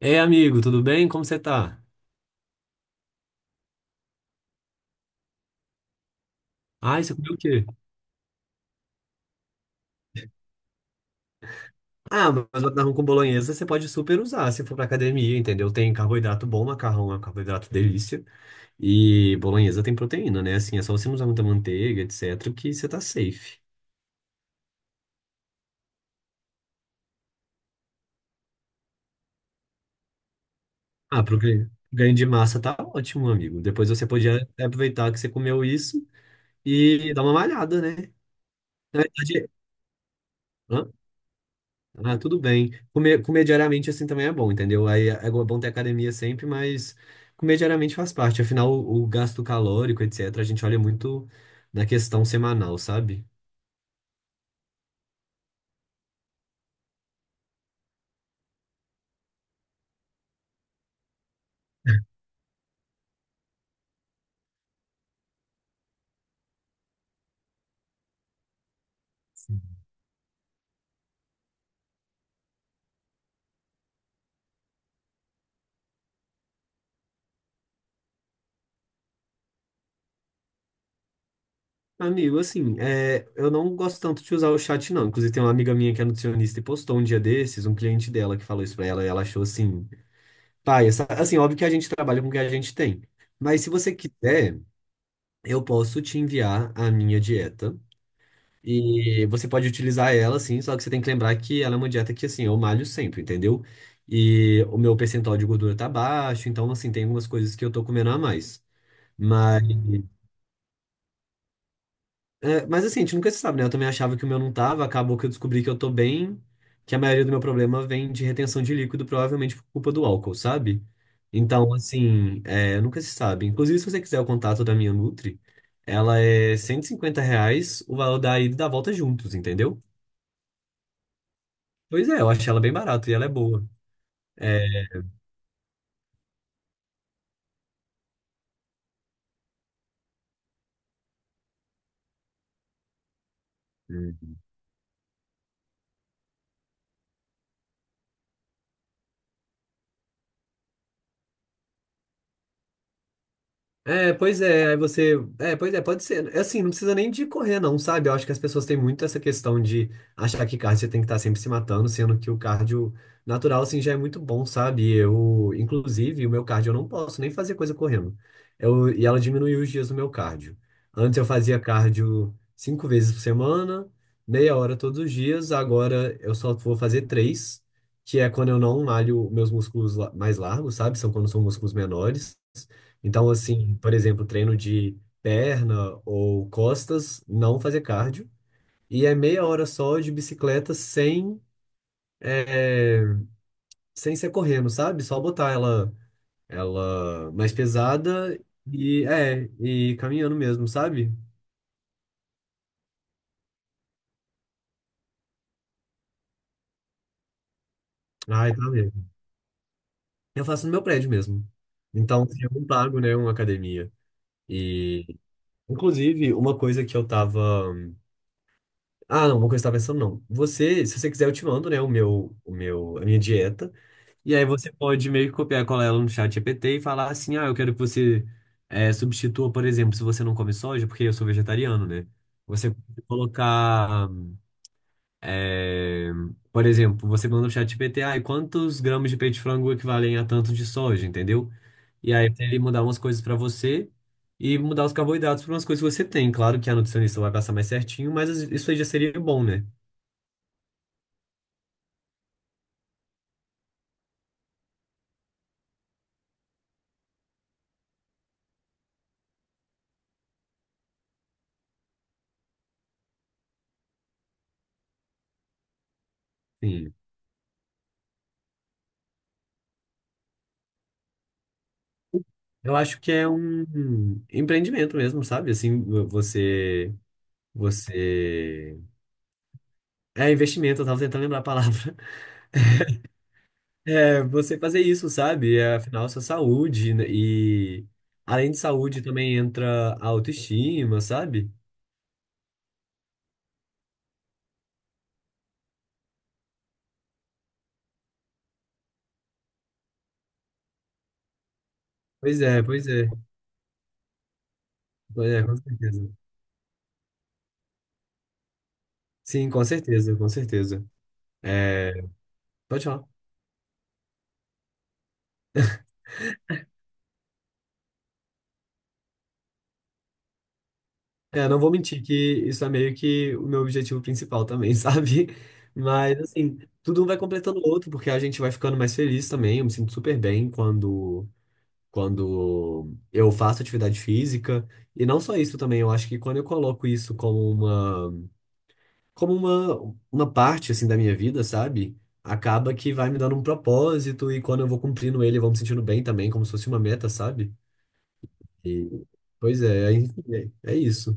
Ei, amigo, tudo bem? Como você tá? Ah, você comeu o quê? Ah, mas macarrão com bolonhesa você pode super usar se for pra academia, entendeu? Tem carboidrato bom, macarrão é um carboidrato delícia. E bolonhesa tem proteína, né? Assim, é só você não usar muita manteiga, etc, que você tá safe. Ah, pro ganho de massa tá ótimo, amigo. Depois você podia aproveitar que você comeu isso e dar uma malhada, né? Na verdade, hã? Ah, tudo bem. Comer diariamente assim também é bom, entendeu? Aí é bom ter academia sempre, mas comer diariamente faz parte. Afinal, o gasto calórico, etc., a gente olha muito na questão semanal, sabe? Sim. Amigo, assim, é, eu não gosto tanto de usar o chat, não. Inclusive, tem uma amiga minha que é nutricionista e postou um dia desses, um cliente dela que falou isso pra ela, e ela achou assim, pai, essa, assim, óbvio que a gente trabalha com o que a gente tem. Mas se você quiser, eu posso te enviar a minha dieta. E você pode utilizar ela, sim, só que você tem que lembrar que ela é uma dieta que, assim, eu malho sempre, entendeu? E o meu percentual de gordura tá baixo, então, assim, tem algumas coisas que eu tô comendo a mais. Mas, é, mas assim, a gente nunca se sabe, né? Eu também achava que o meu não tava, acabou que eu descobri que eu tô bem, que a maioria do meu problema vem de retenção de líquido, provavelmente por culpa do álcool, sabe? Então, assim, é, nunca se sabe. Inclusive, se você quiser o contato da minha Nutri, ela é 150 reais o valor da ida e da volta juntos, entendeu? Pois é, eu achei ela bem barata e ela é boa. É, uhum. É, pois é, aí você. É, pois é, pode ser. É assim, não precisa nem de correr, não, sabe? Eu acho que as pessoas têm muito essa questão de achar que cardio você tem que estar sempre se matando, sendo que o cardio natural, assim, já é muito bom, sabe? Eu, inclusive, o meu cardio eu não posso nem fazer coisa correndo. Eu, e ela diminuiu os dias do meu cardio. Antes eu fazia cardio cinco vezes por semana, meia hora todos os dias, agora eu só vou fazer três, que é quando eu não malho meus mais largos, sabe? São quando são músculos menores. Então, assim, por exemplo, treino de perna ou costas, não fazer cardio. E é meia hora só de bicicleta sem, é, sem ser correndo, sabe? Só botar ela, ela mais pesada e, é, e caminhando mesmo, sabe? Ai, tá mesmo. Eu faço no meu prédio mesmo. Então, assim, eu não pago, né, uma academia. E, inclusive, uma coisa que eu tava. Ah, não, uma coisa que eu tava pensando, não. Você, se você quiser, eu te mando, né, a minha dieta. E aí você pode meio que copiar e colar ela no chat GPT e falar assim, ah, eu quero que você substitua, por exemplo, se você não come soja, porque eu sou vegetariano, né? Você pode colocar, eh, por exemplo, você manda no chat GPT, ah, e quantos gramas de peito de frango equivalem a tanto de soja, entendeu? E aí ele mudar umas coisas pra você e mudar os carboidratos para umas coisas que você tem. Claro que a nutricionista vai passar mais certinho, mas isso aí já seria bom, né? Sim. Eu acho que é um empreendimento mesmo, sabe? Assim, você Você. É investimento, eu tava tentando lembrar a palavra. É, você fazer isso, sabe? É, afinal, sua saúde. Né? E além de saúde, também entra a autoestima, sabe? Pois é. Pois é, com certeza. Sim, com certeza. É, pode falar. É, não vou mentir que isso é meio que o meu objetivo principal também, sabe? Mas, assim, tudo um vai completando o outro, porque a gente vai ficando mais feliz também. Eu me sinto super bem quando eu faço atividade física. E não só isso também, eu acho que quando eu coloco isso como uma parte assim da minha vida, sabe? Acaba que vai me dando um propósito e quando eu vou cumprindo ele, eu vou me sentindo bem também, como se fosse uma meta, sabe? E, pois é, aí- é, é isso.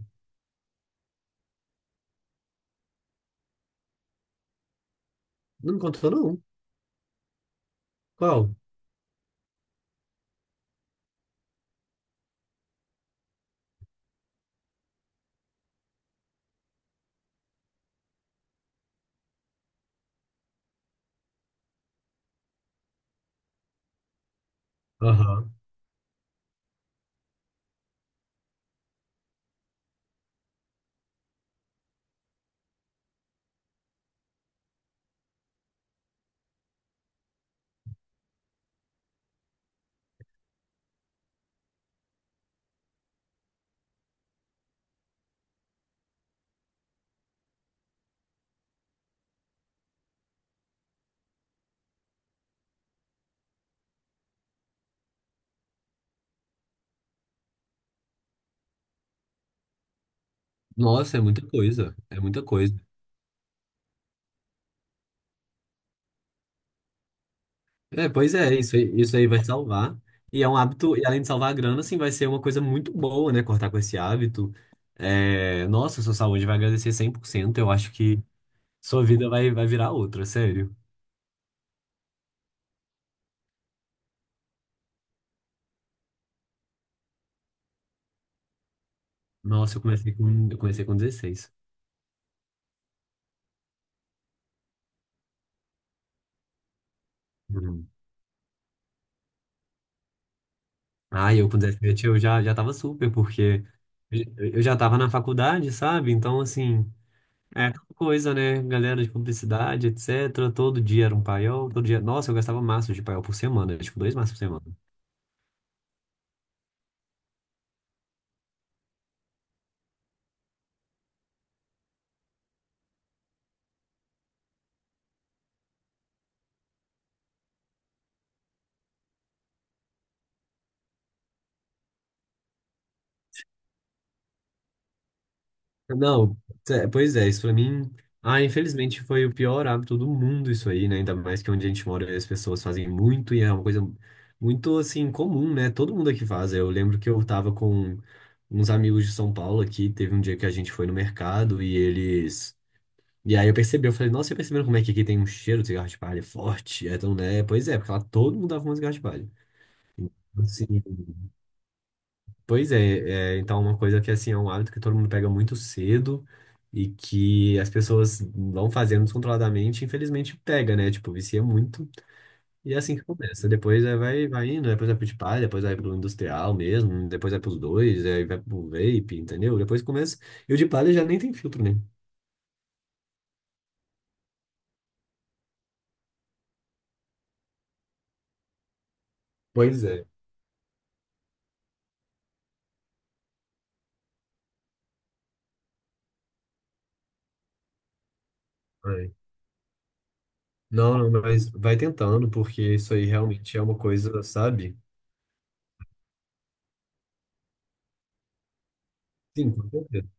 Não me contou não. Qual? Aham. Nossa, é muita coisa. É muita coisa. É, pois é, isso aí vai salvar. E é um hábito, e além de salvar a grana, assim, vai ser uma coisa muito boa, né? Cortar com esse hábito. É, nossa, sua saúde vai agradecer cem por cento. Eu acho que sua vida vai virar outra, sério. Nossa, eu comecei com dezesseis. Uhum. Ah, eu com 17 eu já tava super, porque eu eu já tava na faculdade, sabe? Então, assim, coisa, né? Galera de publicidade, etc. Todo dia era um paiol, todo dia. Nossa, eu gastava maços de paiol por semana, tipo, dois maços por semana. Não, é, pois é, isso pra mim. Ah, infelizmente foi o pior hábito do mundo isso aí, né? Ainda mais que é onde a gente mora as pessoas fazem muito e é uma coisa muito assim comum, né? Todo mundo aqui faz. Eu lembro que eu tava com uns amigos de São Paulo aqui, teve um dia que a gente foi no mercado e eles. E aí eu percebi, eu falei, nossa, você perceberam como é que aqui tem um cheiro de cigarro de palha forte? É, então, né? Pois é, porque lá todo mundo dava um cigarro de palha. Assim. Pois é, é, então uma coisa que assim é um hábito que todo mundo pega muito cedo e que as pessoas vão fazendo descontroladamente, infelizmente pega, né? Tipo, vicia muito e é assim que começa. Depois é, vai indo, depois vai pro de palha, depois vai pro industrial mesmo, depois vai pros dois, aí vai pro vape, entendeu? Depois começa. E o de palha já nem tem filtro, né? Pois é. Ai. Não, não, mas vai tentando, porque isso aí realmente é uma coisa, sabe? Sim, com certeza.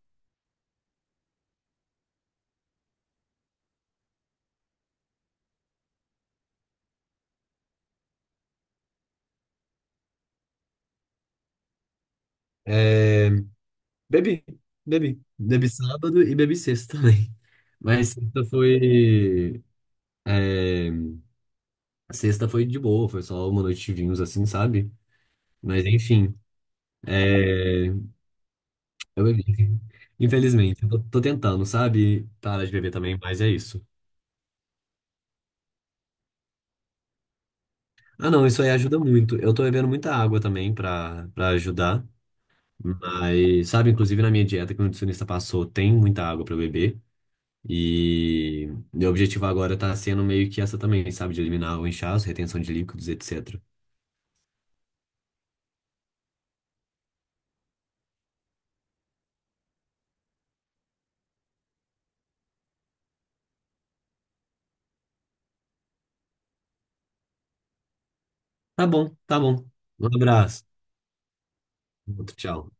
É, Bebi, bebi. Bebi sábado e bebi sexta também. Mas sexta foi. É, sexta foi de boa, foi só uma noite de vinhos assim, sabe? Mas enfim, é, eu bebi. Infelizmente, eu tô tentando, sabe? Parar de beber também, mas é isso. Ah, não, isso aí ajuda muito. Eu tô bebendo muita água também pra ajudar. Mas, sabe, inclusive na minha dieta que o nutricionista passou, tem muita água pra eu beber. E meu objetivo agora tá sendo meio que essa também, sabe? De eliminar o inchaço, retenção de líquidos, etc. Tá bom, tá bom. Um abraço. Outro, tchau.